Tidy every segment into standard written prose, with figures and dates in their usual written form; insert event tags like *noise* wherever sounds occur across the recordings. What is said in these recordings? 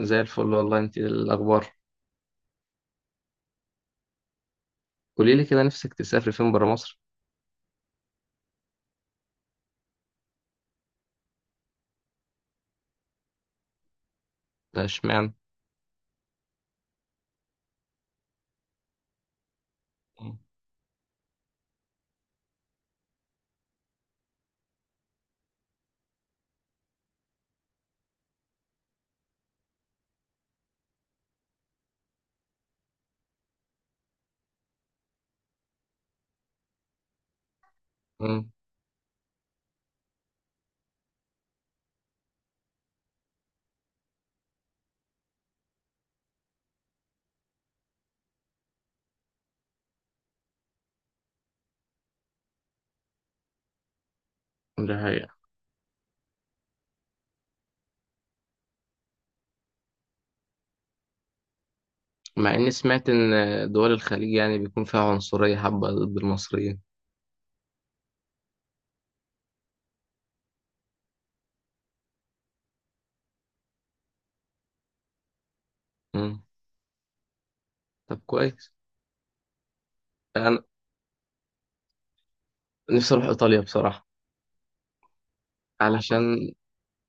زي الفل والله، انت إيه الاخبار؟ قولي لي كده، نفسك تسافر فين برا مصر؟ ده اشمعنى؟ مم. امم. ده حقيقة. مع اني سمعت ان دول الخليج يعني بيكون فيها عنصرية حبة ضد المصريين. امم. طب كويس. انا نفسي اروح ايطاليا بصراحة. علشان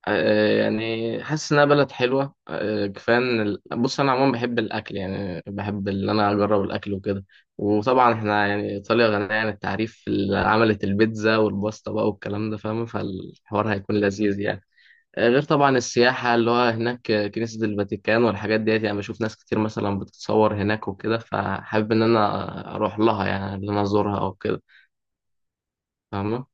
يعني حاسس انها بلد حلوه، كفايه ان بص انا عموما بحب الاكل، يعني بحب ان انا اجرب الاكل وكده. وطبعا احنا يعني ايطاليا غنيه عن التعريف، اللي عملت البيتزا والباستا بقى والكلام ده، فاهم؟ فالحوار هيكون لذيذ يعني. غير طبعا السياحه اللي هو هناك، كنيسه الفاتيكان والحاجات ديت، يعني بشوف ناس كتير مثلا بتتصور هناك وكده، فحابب ان انا اروح لها يعني، ان انا ازورها او كده. فاهمه.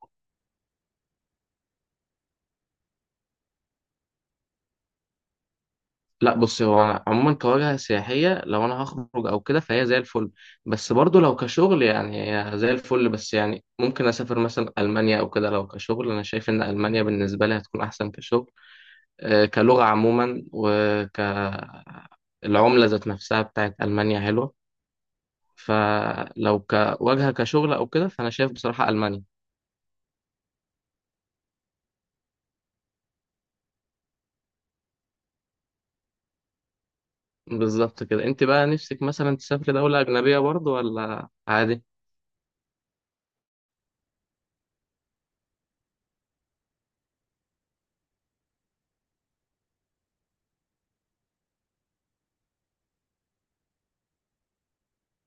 لا، بص هو أنا عموما كوجهة سياحية لو أنا هخرج أو كده فهي زي الفل. بس برضو لو كشغل يعني هي زي الفل، بس يعني ممكن أسافر مثلا ألمانيا أو كده، لو كشغل أنا شايف إن ألمانيا بالنسبة لي هتكون أحسن كشغل. كلغة عموما، العملة ذات نفسها بتاعت ألمانيا حلوة. فلو كواجهة كشغل أو كده، فأنا شايف بصراحة ألمانيا. بالظبط كده. أنت بقى نفسك مثلا تسافر دولة أجنبية برضو ولا عادي؟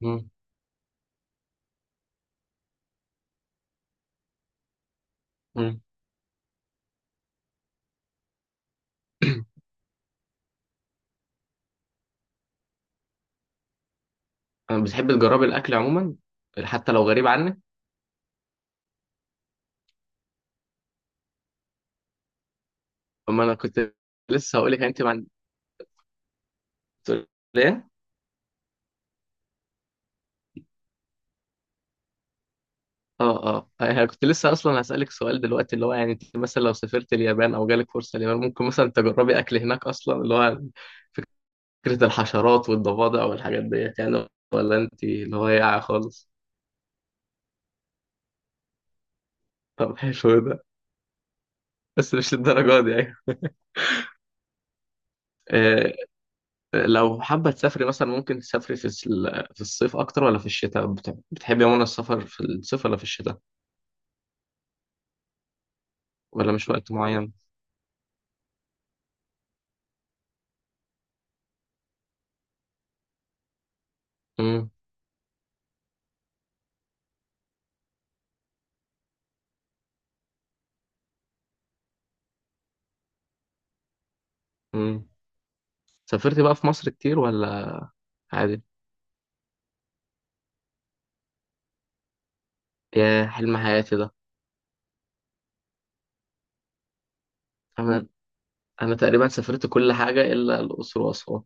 مم. أنا بتحب تجربي الاكل عموما حتى لو غريب عنك؟ اما انا كنت لسه هقول لك انت ما عند- تقول لي إيه؟ اه، اه، انا كنت لسه اصلا هسالك سؤال دلوقتي، اللي هو يعني انت مثلا لو سافرت اليابان او جالك فرصه اليابان، ممكن مثلا تجربي اكل هناك، اصلا اللي هو فكره الحشرات والضفادع والحاجات ديت يعني؟ ولا انت اللي هو يقع خالص؟ طب حلو ده. بس مش للدرجه دي يعني. آه. لو حابه تسافري مثلا، ممكن تسافري في الصيف اكتر ولا في الشتاء؟ بتحبي عموما السفر في الصيف ولا في الشتاء؟ ولا مش وقت معين؟ امم. امم. سافرت بقى في مصر كتير ولا عادي؟ يا حلم حياتي ده. انا انا تقريبا سافرت كل حاجه الا الاقصر واسوان.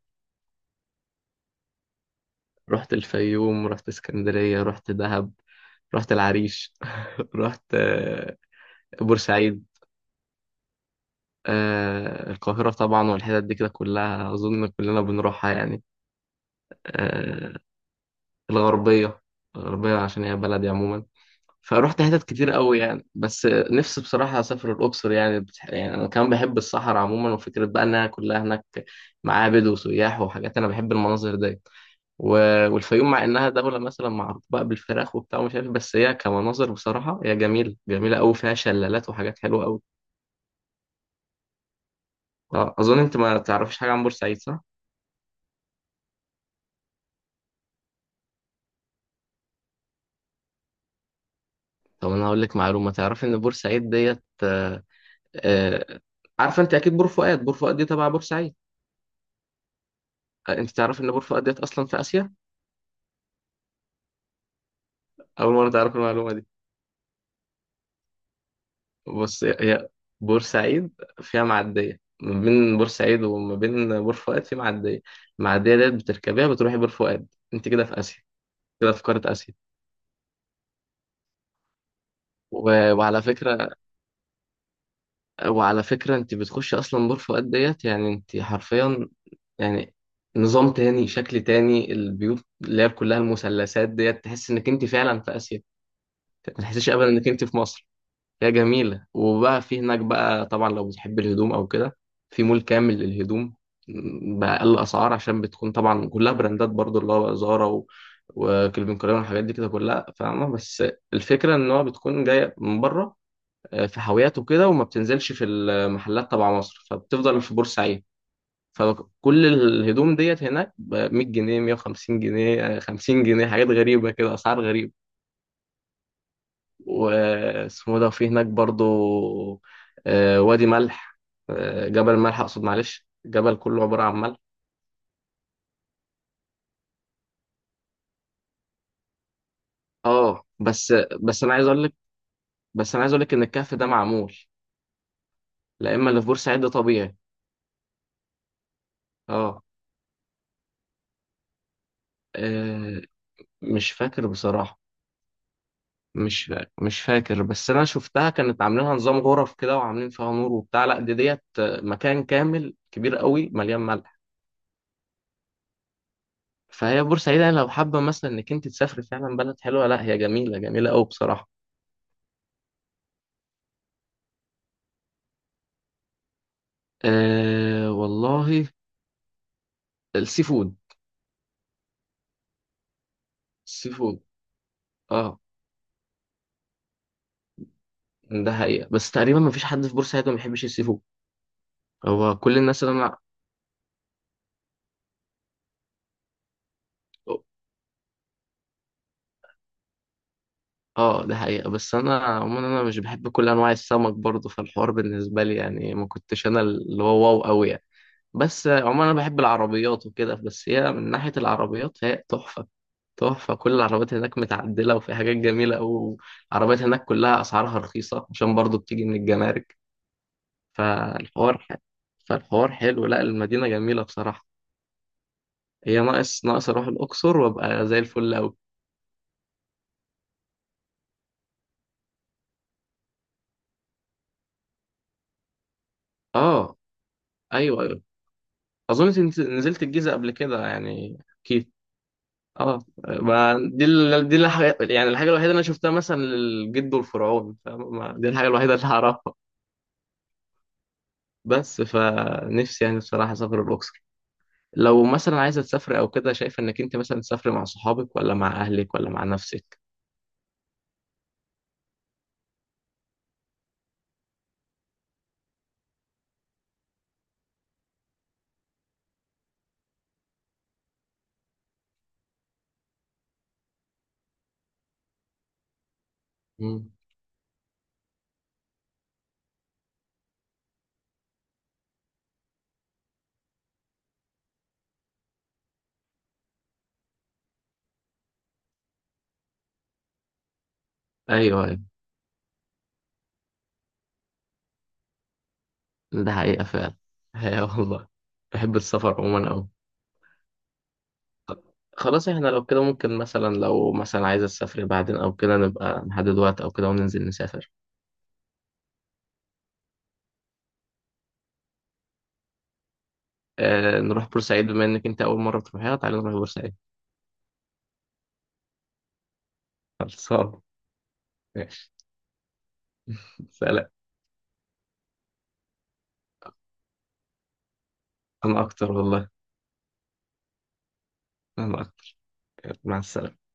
رحت الفيوم، رحت اسكندريه، رحت دهب، رحت العريش، *laughs* رحت بورسعيد، القاهره طبعا، والحتت دي كده كلها اظن كلنا بنروحها يعني. آه، الغربيه، الغربيه عشان هي بلدي عموما. فروحت حتت كتير قوي يعني، بس نفسي بصراحة أسافر الأقصر يعني يعني أنا كمان بحب الصحراء عموما، وفكرة بقى إنها كلها هناك معابد وسياح وحاجات، أنا بحب المناظر دي. و... والفيوم مع إنها دولة مثلا معروفة بقى بالفراخ وبتاع ومش عارف، بس هي كمناظر بصراحة هي جميلة جميلة قوي، فيها شلالات وحاجات حلوة قوي. أظن أنت ما تعرفش حاجة عن بورسعيد، صح؟ طب أنا هقول لك معلومة. تعرف إن بورسعيد ديت آه، عارفة أنت أكيد بور فؤاد؟ بور فؤاد دي تبع بورسعيد. أنت تعرف إن بور فؤاد ديت أصلا في آسيا؟ أول مرة تعرف المعلومة دي؟ بص، هي بورسعيد فيها معدية ما بين بورسعيد وما بين بور فؤاد، في معدية. المعدية ديت بتركبيها بتروحي بور فؤاد. أنت كده في آسيا. كده في قارة آسيا. و... وعلى فكرة وعلى فكرة، أنت بتخشي أصلا بور فؤاد ديت يعني، أنت حرفيا يعني نظام تاني، شكل تاني، البيوت اللي هي كلها المثلثات ديت، تحس إنك أنت فعلا في آسيا. ما تحسيش أبدا إنك أنت في مصر. هي جميلة. وبقى في هناك بقى طبعا لو بتحب الهدوم أو كده، في مول كامل للهدوم، بأقل أسعار، عشان بتكون طبعا كلها براندات برضو اللي هو زارا وكلفن كلاين والحاجات دي كده كلها، فاهمة؟ بس الفكرة إن هو بتكون جاية من بره، في حاويات وكده، وما بتنزلش في المحلات تبع مصر، فبتفضل في بورسعيد. فكل الهدوم ديت هناك ب 100 جنيه، 150 جنيه، 50 جنيه، حاجات غريبة كده، أسعار غريبة. واسمه ده، وفي هناك برضو وادي ملح، جبل ملح اقصد، معلش. الجبل كله عبارة عن ملح. اه. بس انا عايز اقول لك ان الكهف ده معمول، لا اما اللي في بورسعيد ده طبيعي. اه. آه، مش فاكر بصراحة. مش فاكر، بس انا شفتها كانت عاملينها نظام غرف كده، وعاملين فيها نور وبتاع، لا دي ديت مكان كامل كبير قوي مليان ملح. فهي بورسعيد يعني، لو حابة مثلا انك انت تسافري، فعلا بلد حلوة، لا هي جميلة جميلة قوي بصراحة. أه والله، السي فود. السي فود. اه، ده حقيقة، بس تقريبا ما فيش حد في بورسعيد ما بيحبش السي فود. هو كل الناس اللي انا. اه، ده حقيقة، بس انا عموما انا مش بحب كل انواع السمك برضه، فالحوار بالنسبة لي يعني ما كنتش انا اللي هو واو قوي يعني. بس عموما انا بحب العربيات وكده، بس هي من ناحية العربيات هي تحفة. تحفة. كل العربيات هناك متعدلة وفي حاجات جميلة قوي. العربيات هناك كلها اسعارها رخيصة عشان برضه بتيجي من الجمارك. فالحوار ح... فالحوار حلو، لا المدينة جميلة بصراحة. هي ناقص ناقص أروح الأقصر وأبقى زي الفل أوي. آه. أيوه، أيوه. أظن أنت نزلت الجيزة قبل كده يعني، أكيد. آه. ما دي دي الحاجة يعني الحاجة الوحيدة اللي أنا شفتها مثلا، للجد والفرعون، فما دي الحاجة الوحيدة اللي هعرفها. بس فنفسي يعني بصراحة أسافر الأقصر. لو مثلا عايزة تسافر أو كده، شايفة إنك أنت مثلا تسافر مع صحابك ولا مع أهلك ولا مع نفسك؟ مم. أيوه، أيوه. ده حقيقة فعلا. هي والله، بحب السفر عموما أوي. خلاص احنا لو كده، ممكن مثلا لو مثلا عايز أسافر بعدين أو كده، نبقى نحدد وقت أو كده وننزل نسافر. آه، نروح بورسعيد، بما إنك أنت أول مرة تروحيها، تعالى نروح بورسعيد. خلصان. ماشي. سلام. أنا أكتر والله. أنا أكتر. مع السلامة.